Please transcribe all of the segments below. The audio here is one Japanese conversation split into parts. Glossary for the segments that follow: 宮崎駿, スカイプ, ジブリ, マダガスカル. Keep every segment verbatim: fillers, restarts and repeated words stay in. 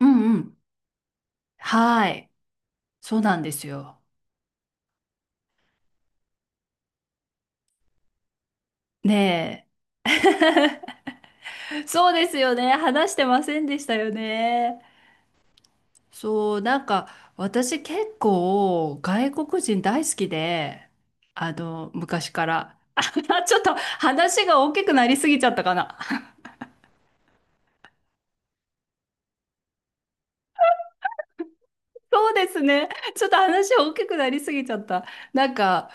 うんうん。はい。そうなんですよ。ねえ。そうですよね。話してませんでしたよね。そう、なんか、私結構外国人大好きで、あの、昔から。あちょっと話が大きくなりすぎちゃったかな。そうですね。ちょっと話大きくなりすぎちゃった。なんか、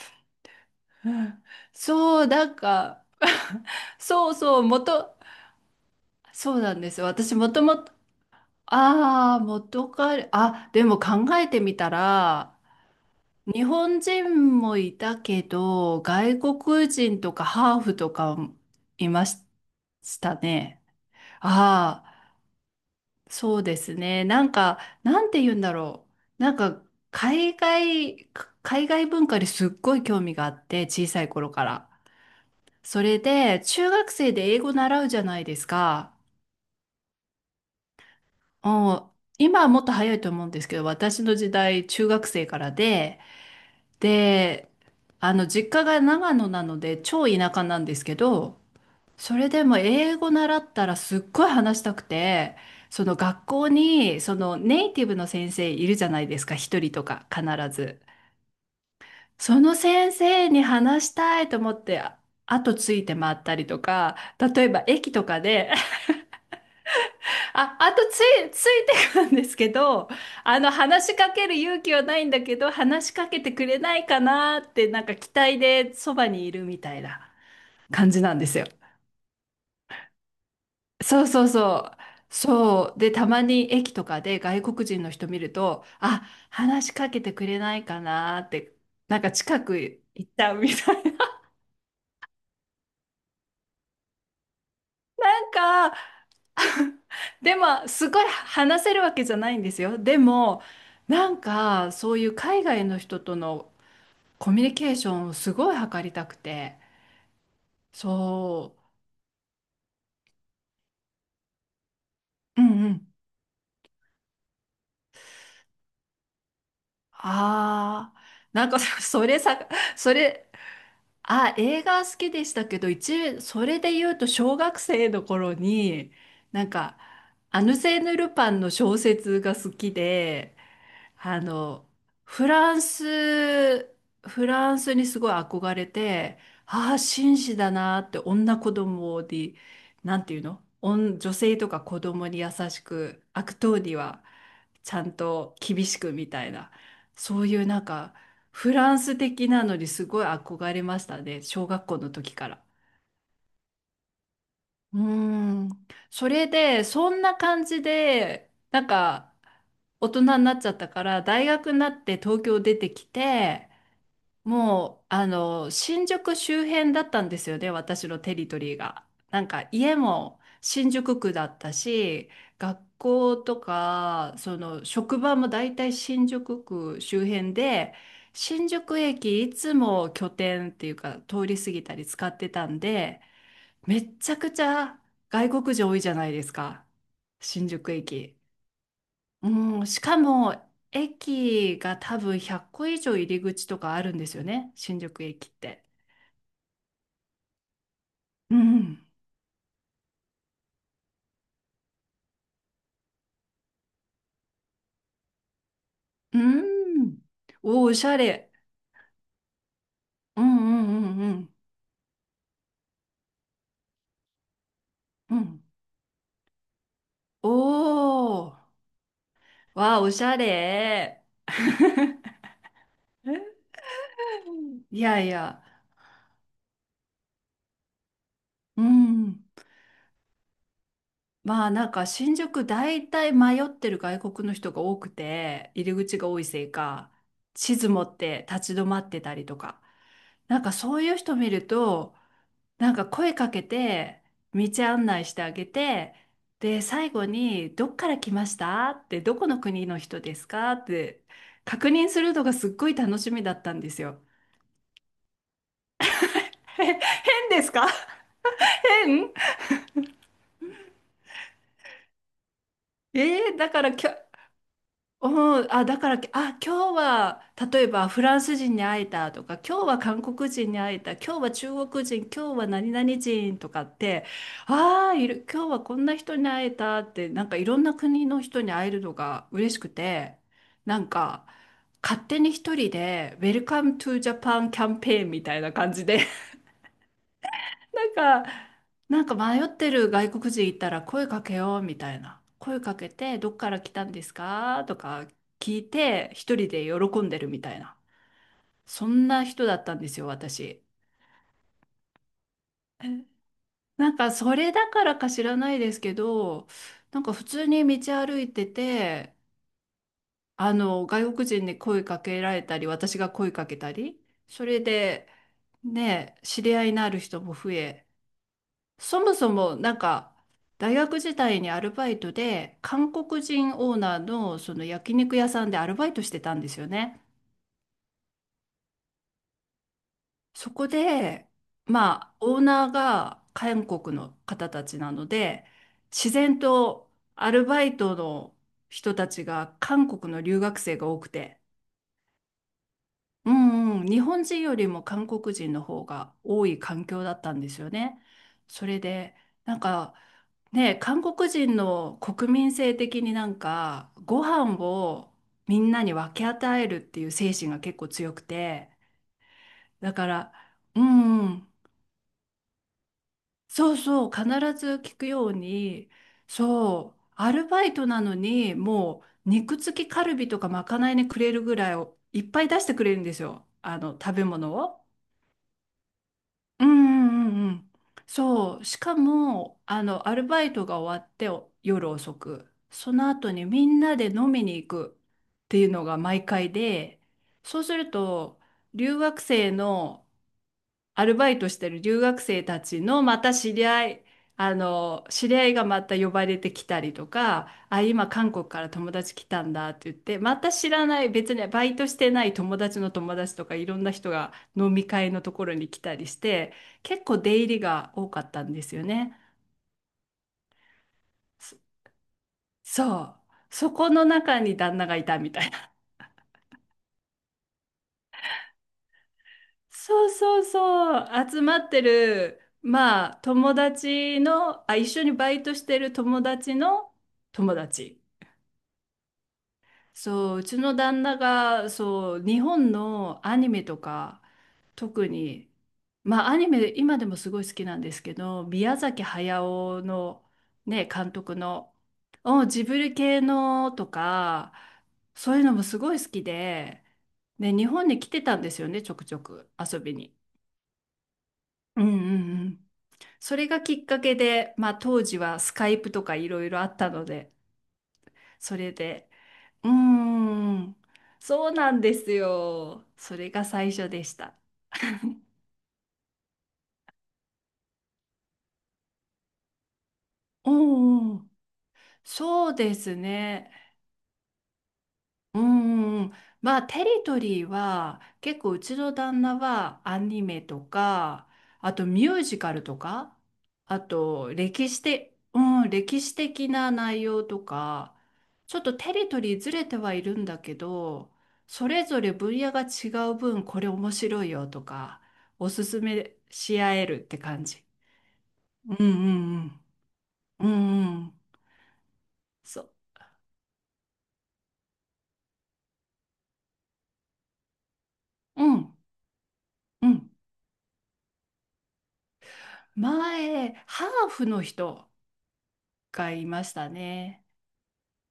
うんそう、なんか、そうそう、もと、そうなんですよ。私もともと、ああ、元彼、あ、でも考えてみたら、日本人もいたけど、外国人とかハーフとかもいましたね。ああ、そうですね。なんか、なんて言うんだろう。なんか、海外、か海外文化にすっごい興味があって、小さい頃から。それで、中学生で英語習うじゃないですか。うん、今はもっと早いと思うんですけど、私の時代、中学生からで、で、あの、実家が長野なので、超田舎なんですけど、それでも英語習ったらすっごい話したくて、その学校に、そのネイティブの先生いるじゃないですか、一人とか必ず。その先生に話したいと思って、あ後ついて回ったりとか、例えば駅とかであ、あとつい、ついてくるんですけど、あの、話しかける勇気はないんだけど、話しかけてくれないかなって、なんか期待でそばにいるみたいな感じなんですよ。そうそうそう。そう。で、たまに駅とかで外国人の人見ると、あ、話しかけてくれないかなって、なんか近く行っちゃうみたいな。なんか、でも、すごい話せるわけじゃないんですよ。でも、なんか、そういう海外の人とのコミュニケーションをすごい図りたくて、そう、うんうん。ああ、なんか それさ、それ、あ、映画好きでしたけど、一、それで言うと小学生の頃に、なんか、アヌセーヌ・ルパンの小説が好きで、あの、フランス、フランスにすごい憧れて、ああ、紳士だなって、女子供で、なんていうの女女性とか子供に優しく、悪党にはちゃんと厳しくみたいな、そういうなんか、フランス的なのにすごい憧れましたね、小学校の時から。うーん。それで、そんな感じで、なんか、大人になっちゃったから、大学になって東京出てきて、もう、あの、新宿周辺だったんですよね、私のテリトリーが。なんか、家も新宿区だったし、学校とか、その、職場も大体新宿区周辺で、新宿駅いつも拠点っていうか、通り過ぎたり使ってたんで、めっちゃくちゃ外国人多いじゃないですか、新宿駅。うん、しかも駅が多分ひゃっこ以上入り口とかあるんですよね、新宿駅って。うん。うん。おー、おしゃれ。うんうんうんうん。うん。おお。わあ、おしゃれ。いやいや。うん。まあなんか新宿大体迷ってる外国の人が多くて入り口が多いせいか、地図持って立ち止まってたりとか、なんかそういう人見るとなんか声かけて道案内してあげて、で最後に「どっから来ました？」って、「どこの国の人ですか？」って確認するのがすっごい楽しみだったんですよ。へ、変ですか？変えーだからきょうん、あ、だから、あ、今日は、例えばフランス人に会えたとか、今日は韓国人に会えた、今日は中国人、今日は何々人とかって、ああ、いる、今日はこんな人に会えたって、なんかいろんな国の人に会えるのが嬉しくて、なんか、勝手に一人で、ウェルカムトゥジャパンキャンペーンみたいな感じで、なんか、なんか迷ってる外国人いたら声かけようみたいな。声かけて、どっから来たんですかとか聞いて、一人で喜んでるみたいな。そんな人だったんですよ、私。なんか、それだからか知らないですけど、なんか普通に道歩いてて、あの、外国人に声かけられたり、私が声かけたり、それで、ね、知り合いのある人も増え、そもそもなんか大学時代にアルバイトで韓国人オーナーのその焼肉屋さんでアルバイトしてたんですよね。そこで、まあオーナーが韓国の方たちなので自然とアルバイトの人たちが韓国の留学生が多くて。うんうん、日本人よりも韓国人の方が多い環境だったんですよね。それで、なんかね、韓国人の国民性的になんかご飯をみんなに分け与えるっていう精神が結構強くて、だから、うんうん、そうそう、必ず聞くように、そう、アルバイトなのにもう肉付きカルビとかまかないにくれるぐらいをいっぱい出してくれるんですよ、あの食べ物を。うんうんうんうん。そう。しかも、あの、アルバイトが終わってお夜遅く、その後にみんなで飲みに行くっていうのが毎回で、そうすると、留学生のアルバイトしてる留学生たちのまた知り合い、あの、知り合いがまた呼ばれてきたりとか、あ、今韓国から友達来たんだって言って、また知らない、別にねバイトしてない友達の友達とかいろんな人が飲み会のところに来たりして、結構出入りが多かったんですよね。そそう。そこの中に旦那がいたみたい。そうそうそう、集まってる、まあ、友達の、あ、一緒にバイトしてる友達の友達。そう、うちの旦那が、そう、日本のアニメとか、特に、まあ、アニメ、今でもすごい好きなんですけど、宮崎駿の、ね、監督の、お、ジブリ系のとか、そういうのもすごい好きで、で、日本に来てたんですよね、ちょくちょく遊びに。うんうんうん。それがきっかけで、まあ当時はスカイプとかいろいろあったので、それで、うーん、そうなんですよ。それが最初でした。うんうん、そうですね。うんうんうん、まあテリトリーは結構うちの旦那はアニメとか、あとミュージカルとか、あと歴史的、うん、歴史的な内容とか、ちょっとテリトリーずれてはいるんだけど、それぞれ分野が違う分これ面白いよとかおすすめし合えるって感じ。うんうんうんうんうんそううんうん、前ハーフの人回いましたね。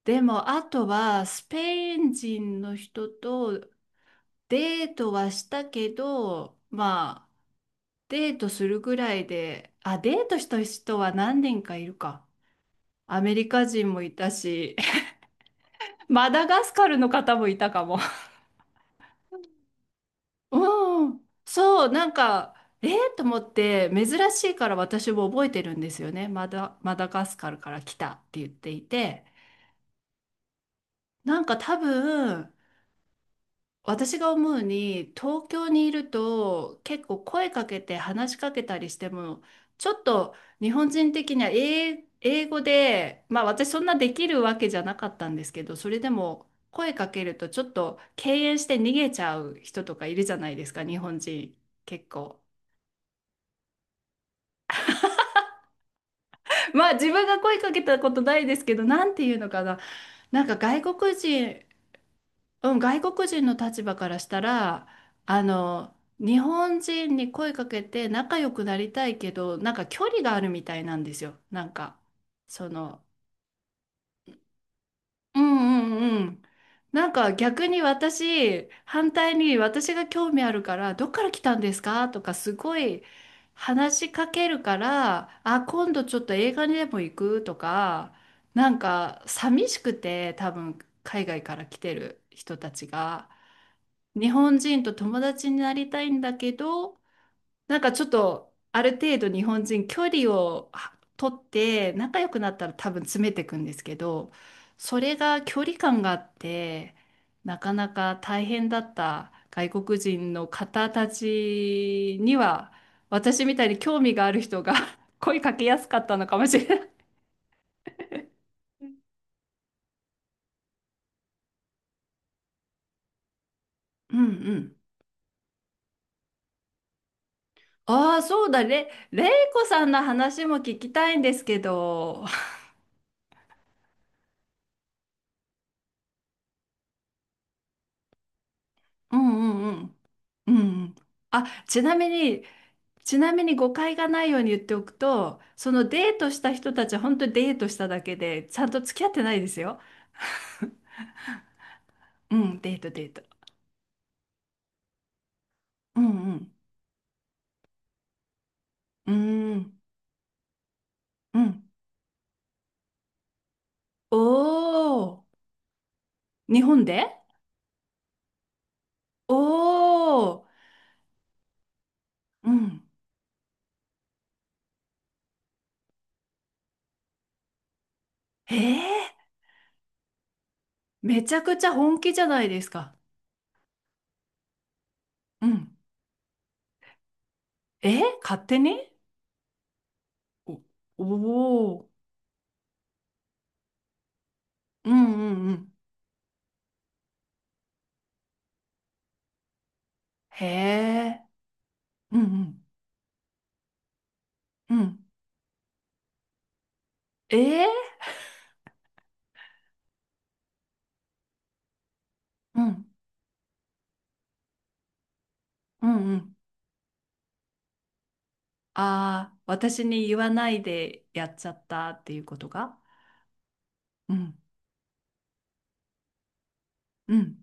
でも、あとは、スペイン人の人とデートはしたけど、まあ、デートするぐらいで、あ、デートした人は何人かいるか。アメリカ人もいたし、マダガスカルの方もいたかも。うん、そう、なんか、えー、と思って、珍しいから私も覚えてるんですよね。マダ、マダガスカルから来たって言っていて、なんか多分、私が思うに、東京にいると結構声かけて話しかけたりしても、ちょっと日本人的には英、英語で、まあ私そんなできるわけじゃなかったんですけど、それでも声かけるとちょっと敬遠して逃げちゃう人とかいるじゃないですか、日本人結構。まあ自分が声かけたことないですけど、なんていうのかな。なんか外国人。うん、外国人の立場からしたら、あの、日本人に声かけて仲良くなりたいけど、なんか距離があるみたいなんですよ。なんか、その、うんうんうん。なんか逆に私、反対に私が興味あるから、どっから来たんですかとかすごい話しかけるから、あ、今度ちょっと映画にでも行くとか、なんか寂しくて、多分海外から来てる人たちが。日本人と友達になりたいんだけど、なんかちょっとある程度日本人距離をは取って仲良くなったら多分詰めていくんですけど、それが距離感があって、なかなか大変だった外国人の方たちには、私みたいに興味がある人が 声かけやすかったのかもしれない。うんうん。ああ、そうだ、ねれいこさんの話も聞きたいんですけど。うんうんうん。うん。あ、ちなみに、ちなみに誤解がないように言っておくと、そのデートした人たちは本当にデートしただけで、ちゃんと付き合ってないですよ。うん、デート、デート。うんうん。うーん。うん。おー。日本で。おー。うん。ええ、めちゃくちゃ本気じゃないですか。うん。え、勝手に。お、おー。うんうんうん。へえ。うんうん。うん。ええ、うんうんうん。ああ、私に言わないでやっちゃったっていうことが。うん。うん。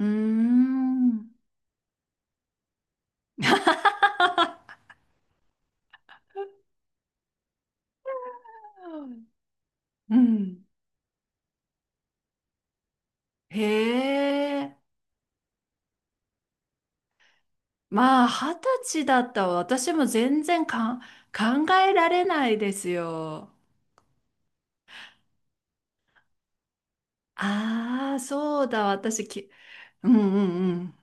うーん。うん。へえ。まあ、二十歳だったわ、私も全然かん考えられないですよ。ああ、そうだ、私き、うんうんうん。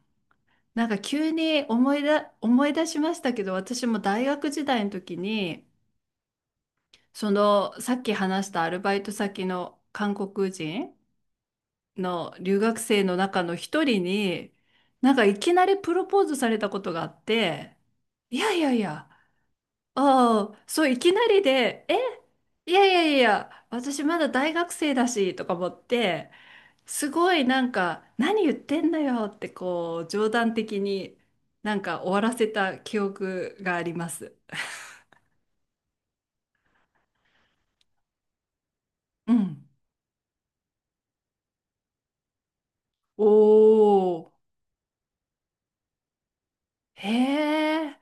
なんか急に思いだ、思い出しましたけど、私も大学時代の時に、そのさっき話したアルバイト先の韓国人の留学生の中の一人に、なんかいきなりプロポーズされたことがあって。いやいやいや。ああ、そう、いきなりでえ。いやいやいや、私まだ大学生だしとか思って、すごいなんか何言ってんだよって、こう冗談的になんか終わらせた記憶があります。うん。おー。へえ。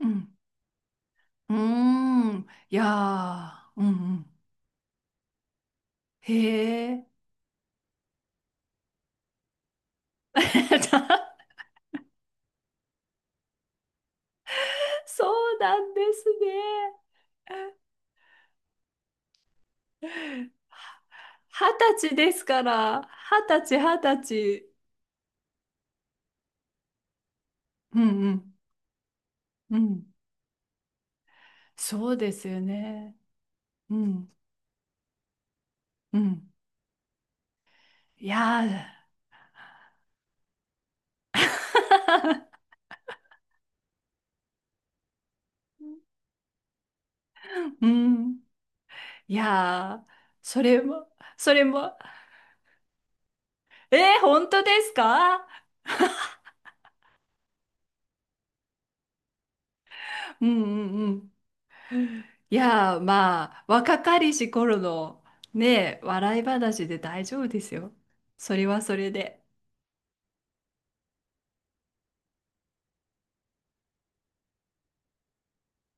うんうーん。いやー、うんうん。へえ。そうなんですね。二十歳ですから、二十歳、二十歳。うんうん、うん。そうですよね。うん、うん。いやー、うん。いやー、それも、それも、えー、本当ですか？うんうん、いやー、まあ、若かりし頃のね、笑い話で大丈夫ですよ。それはそれで。